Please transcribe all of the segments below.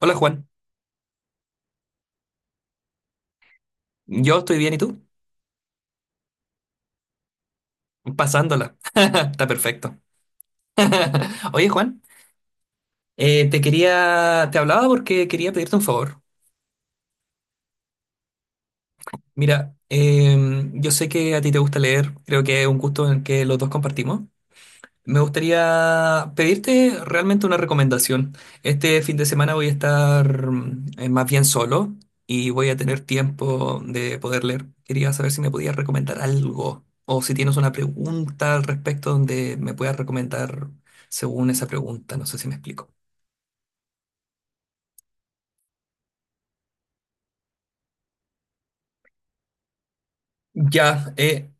Hola Juan, yo estoy bien, ¿y tú? Pasándola. Está perfecto. Oye Juan, te quería, te hablaba porque quería pedirte un favor. Mira, yo sé que a ti te gusta leer, creo que es un gusto en el que los dos compartimos. Me gustaría pedirte realmente una recomendación. Este fin de semana voy a estar más bien solo y voy a tener tiempo de poder leer. Quería saber si me podías recomendar algo o si tienes una pregunta al respecto donde me puedas recomendar según esa pregunta. No sé si me explico. Ya,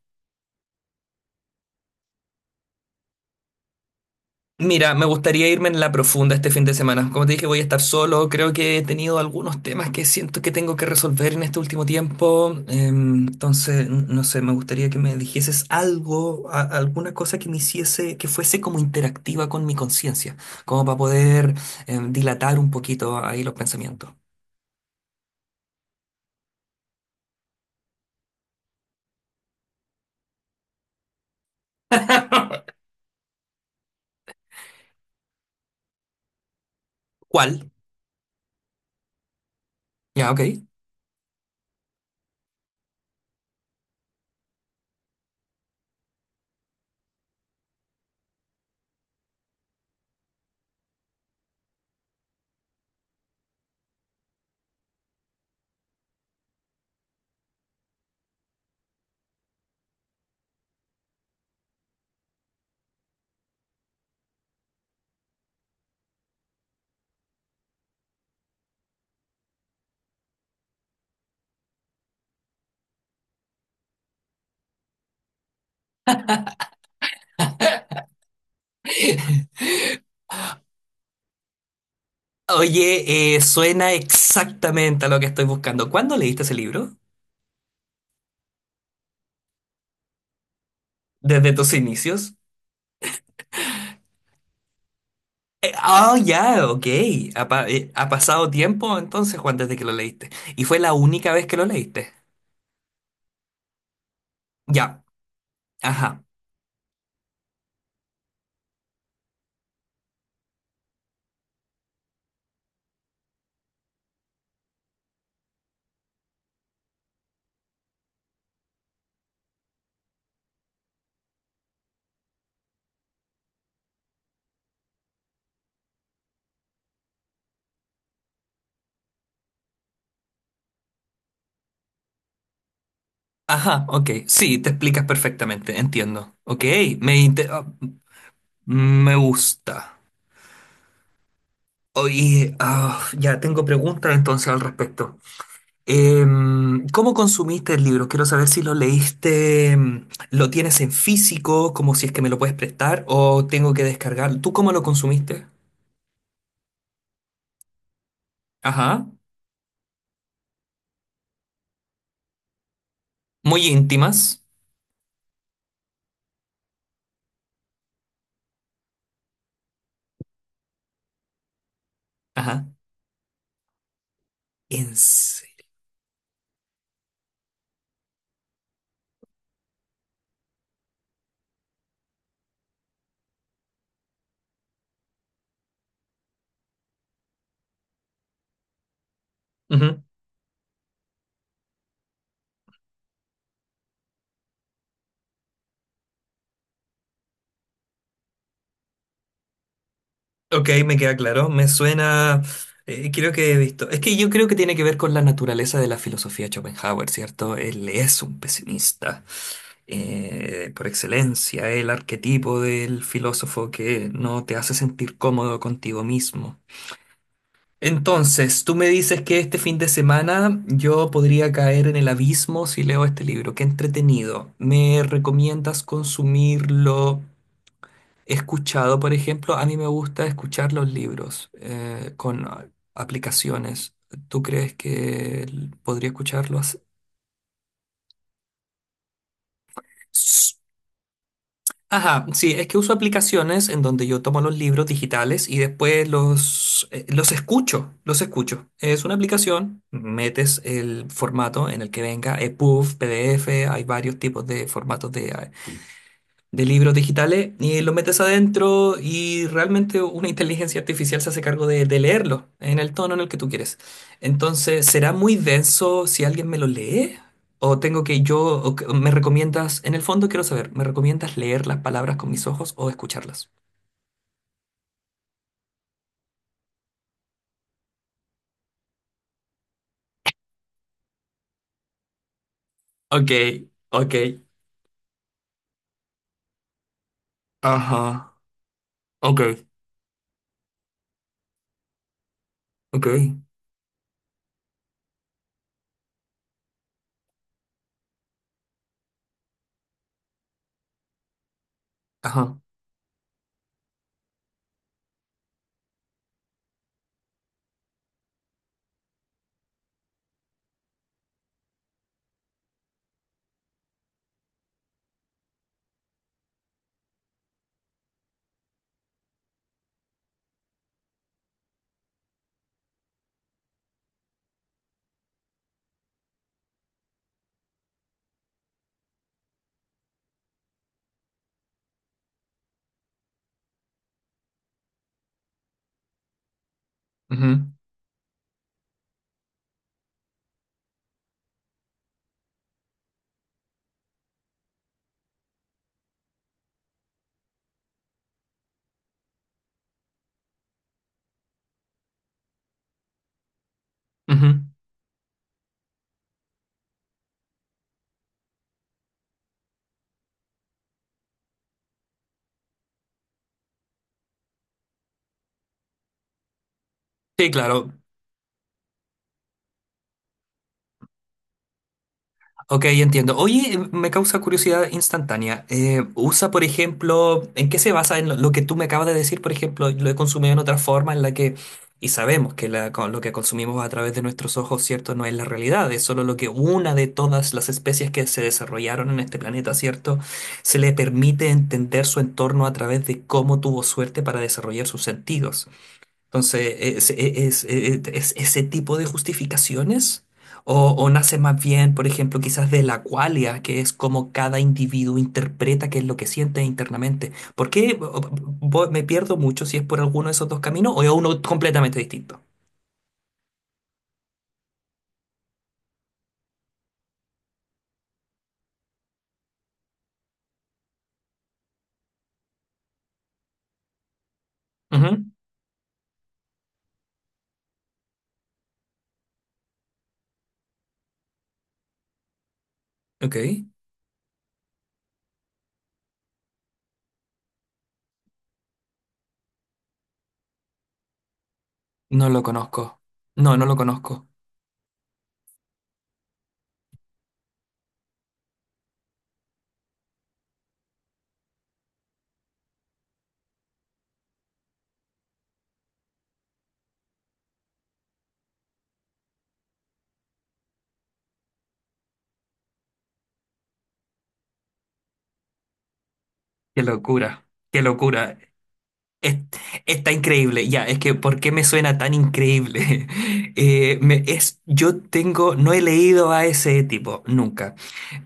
mira, me gustaría irme en la profunda este fin de semana. Como te dije, voy a estar solo. Creo que he tenido algunos temas que siento que tengo que resolver en este último tiempo. Entonces, no sé, me gustaría que me dijeses algo, alguna cosa que me hiciese, que fuese como interactiva con mi conciencia, como para poder dilatar un poquito ahí los pensamientos. ¿Cuál? Ya, ok. Oye, suena exactamente a lo que estoy buscando. ¿Cuándo leíste ese libro? ¿Desde tus inicios? Ah, ya, ok. Ha pasado tiempo entonces, Juan, desde que lo leíste. ¿Y fue la única vez que lo leíste? Ya, ajá, ajá, ok. Sí, te explicas perfectamente, entiendo. Ok, me, inte- ah, me gusta. Oye, ya tengo preguntas entonces al respecto. ¿Cómo consumiste el libro? Quiero saber si lo leíste, lo tienes en físico, como si es que me lo puedes prestar, o tengo que descargar. ¿Tú cómo lo consumiste? Ajá, muy íntimas. Ajá. En serio. Ujú. Ok, me queda claro. Me suena. Creo que he visto. Es que yo creo que tiene que ver con la naturaleza de la filosofía de Schopenhauer, ¿cierto? Él es un pesimista por excelencia, el arquetipo del filósofo que no te hace sentir cómodo contigo mismo. Entonces, tú me dices que este fin de semana yo podría caer en el abismo si leo este libro. Qué entretenido. ¿Me recomiendas consumirlo? He escuchado, por ejemplo, a mí me gusta escuchar los libros aplicaciones. ¿Tú crees que podría escucharlos? S- Ajá, sí, es que uso aplicaciones en donde yo tomo los libros digitales y después los escucho, los escucho. Es una aplicación, metes el formato en el que venga, EPUB, PDF, hay varios tipos de formatos de libros digitales y los metes adentro y realmente una inteligencia artificial se hace cargo de leerlo en el tono en el que tú quieres. Entonces, ¿será muy denso si alguien me lo lee? ¿O tengo que yo, o que- me recomiendas, en el fondo quiero saber, ¿me recomiendas leer las palabras con mis ojos o escucharlas? Ok, ok, ajá, ok, ok, ajá, ujú, ujú. Sí, claro, ok, entiendo. Oye, me causa curiosidad instantánea. Usa, por ejemplo, ¿en qué se basa en lo que tú me acabas de decir? Por ejemplo, lo he consumido en otra forma en la que, y sabemos que con lo que consumimos a través de nuestros ojos, ¿cierto? No es la realidad, es solo lo que una de todas las especies que se desarrollaron en este planeta, ¿cierto? Se le permite entender su entorno a través de cómo tuvo suerte para desarrollar sus sentidos. Entonces, ¿ es ese tipo de justificaciones? O nace más bien, por ejemplo, quizás de la cualia, ¿que es como cada individuo interpreta qué es lo que siente internamente? ¿Por qué me pierdo mucho si es por alguno de esos dos caminos o es uno completamente distinto? Ujú. Ok, no lo conozco. No, no lo conozco. Qué locura, qué locura. Es- Está increíble, ya, es que ¿por qué me suena tan increíble? Yo tengo, no he leído a ese tipo nunca,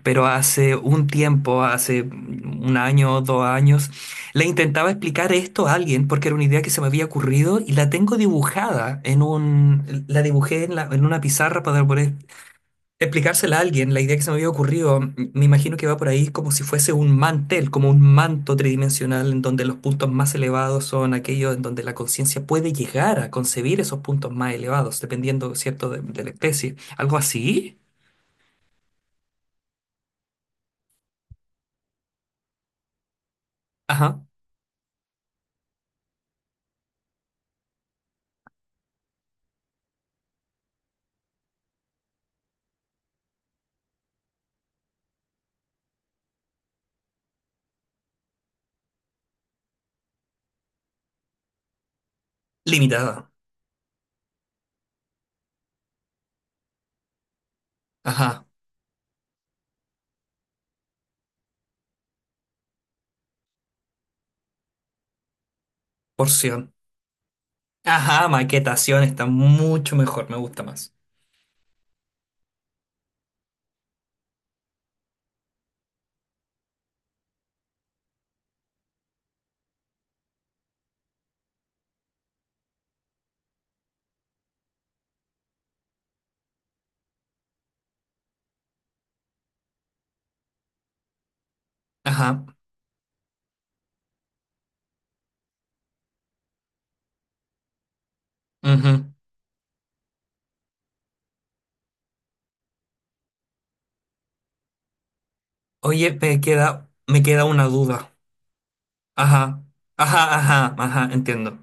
pero hace un tiempo, hace un año o dos años, le intentaba explicar esto a alguien porque era una idea que se me había ocurrido y la tengo dibujada en un, la dibujé en, en una pizarra para poder explicársela a alguien, la idea que se me había ocurrido, me imagino que va por ahí como si fuese un mantel, como un manto tridimensional en donde los puntos más elevados son aquellos en donde la conciencia puede llegar a concebir esos puntos más elevados, dependiendo, ¿cierto?, de la especie. Algo así. Ajá. Limitada. Ajá. Porción. Ajá, maquetación está mucho mejor, me gusta más. Ajá, ujú. Oye, me queda una duda. Ajá. Ajá, ajá, ajá, entiendo.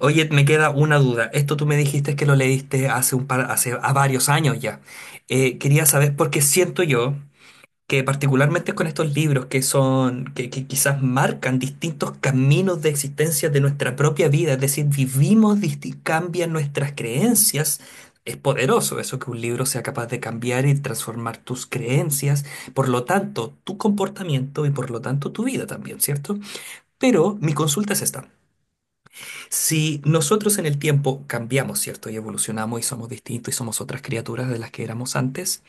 Oye, me queda una duda. Esto tú me dijiste que lo leíste hace un par, hace a varios años ya. Quería saber porque siento yo que particularmente con estos libros que son, que quizás marcan distintos caminos de existencia de nuestra propia vida, es decir, vivimos, cambian nuestras creencias. Es poderoso eso que un libro sea capaz de cambiar y transformar tus creencias, por lo tanto, tu comportamiento y por lo tanto tu vida también, ¿cierto? Pero mi consulta es esta. Si nosotros en el tiempo cambiamos, ¿cierto? Y evolucionamos y somos distintos y somos otras criaturas de las que éramos antes,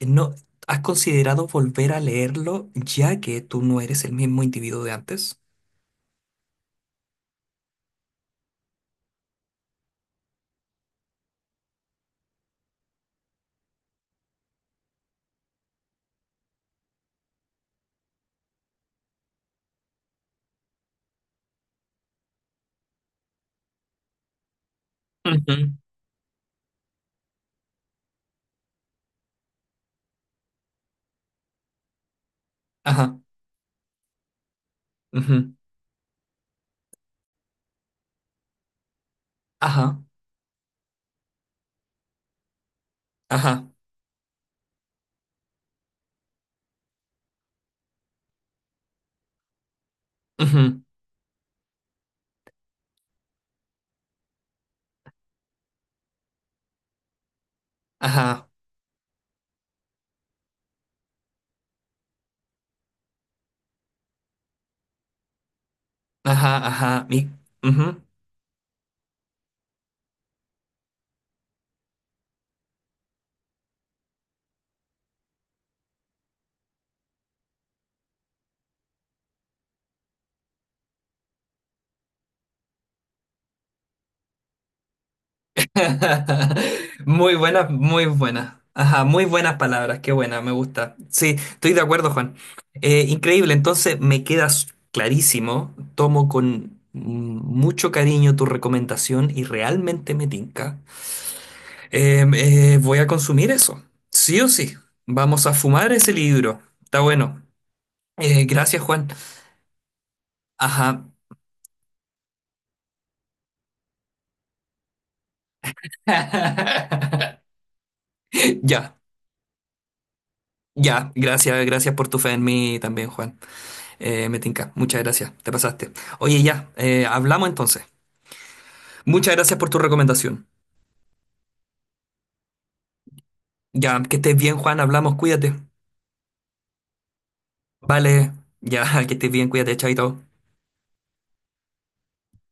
¿no has considerado volver a leerlo ya que tú no eres el mismo individuo de antes? Ujú. Ajá, ujú, ajá, ajá, ujú, ajá, ajá, ajá, y, ujú. Muy buenas, muy buenas. Ajá, muy buenas palabras, qué buena, me gusta. Sí, estoy de acuerdo, Juan. Increíble, entonces me quedas clarísimo. Tomo con mucho cariño tu recomendación y realmente me tinca. Voy a consumir eso, sí o sí. Vamos a fumar ese libro. Está bueno. Gracias, Juan. Ajá. Ya, ya, gracias, gracias por tu fe en mí también, Juan. Me tinca. Muchas gracias. Te pasaste. Oye, ya. Hablamos entonces. Muchas gracias por tu recomendación. Ya, que estés bien, Juan. Hablamos. Cuídate. Vale. Ya, que estés bien. Cuídate. Chaito.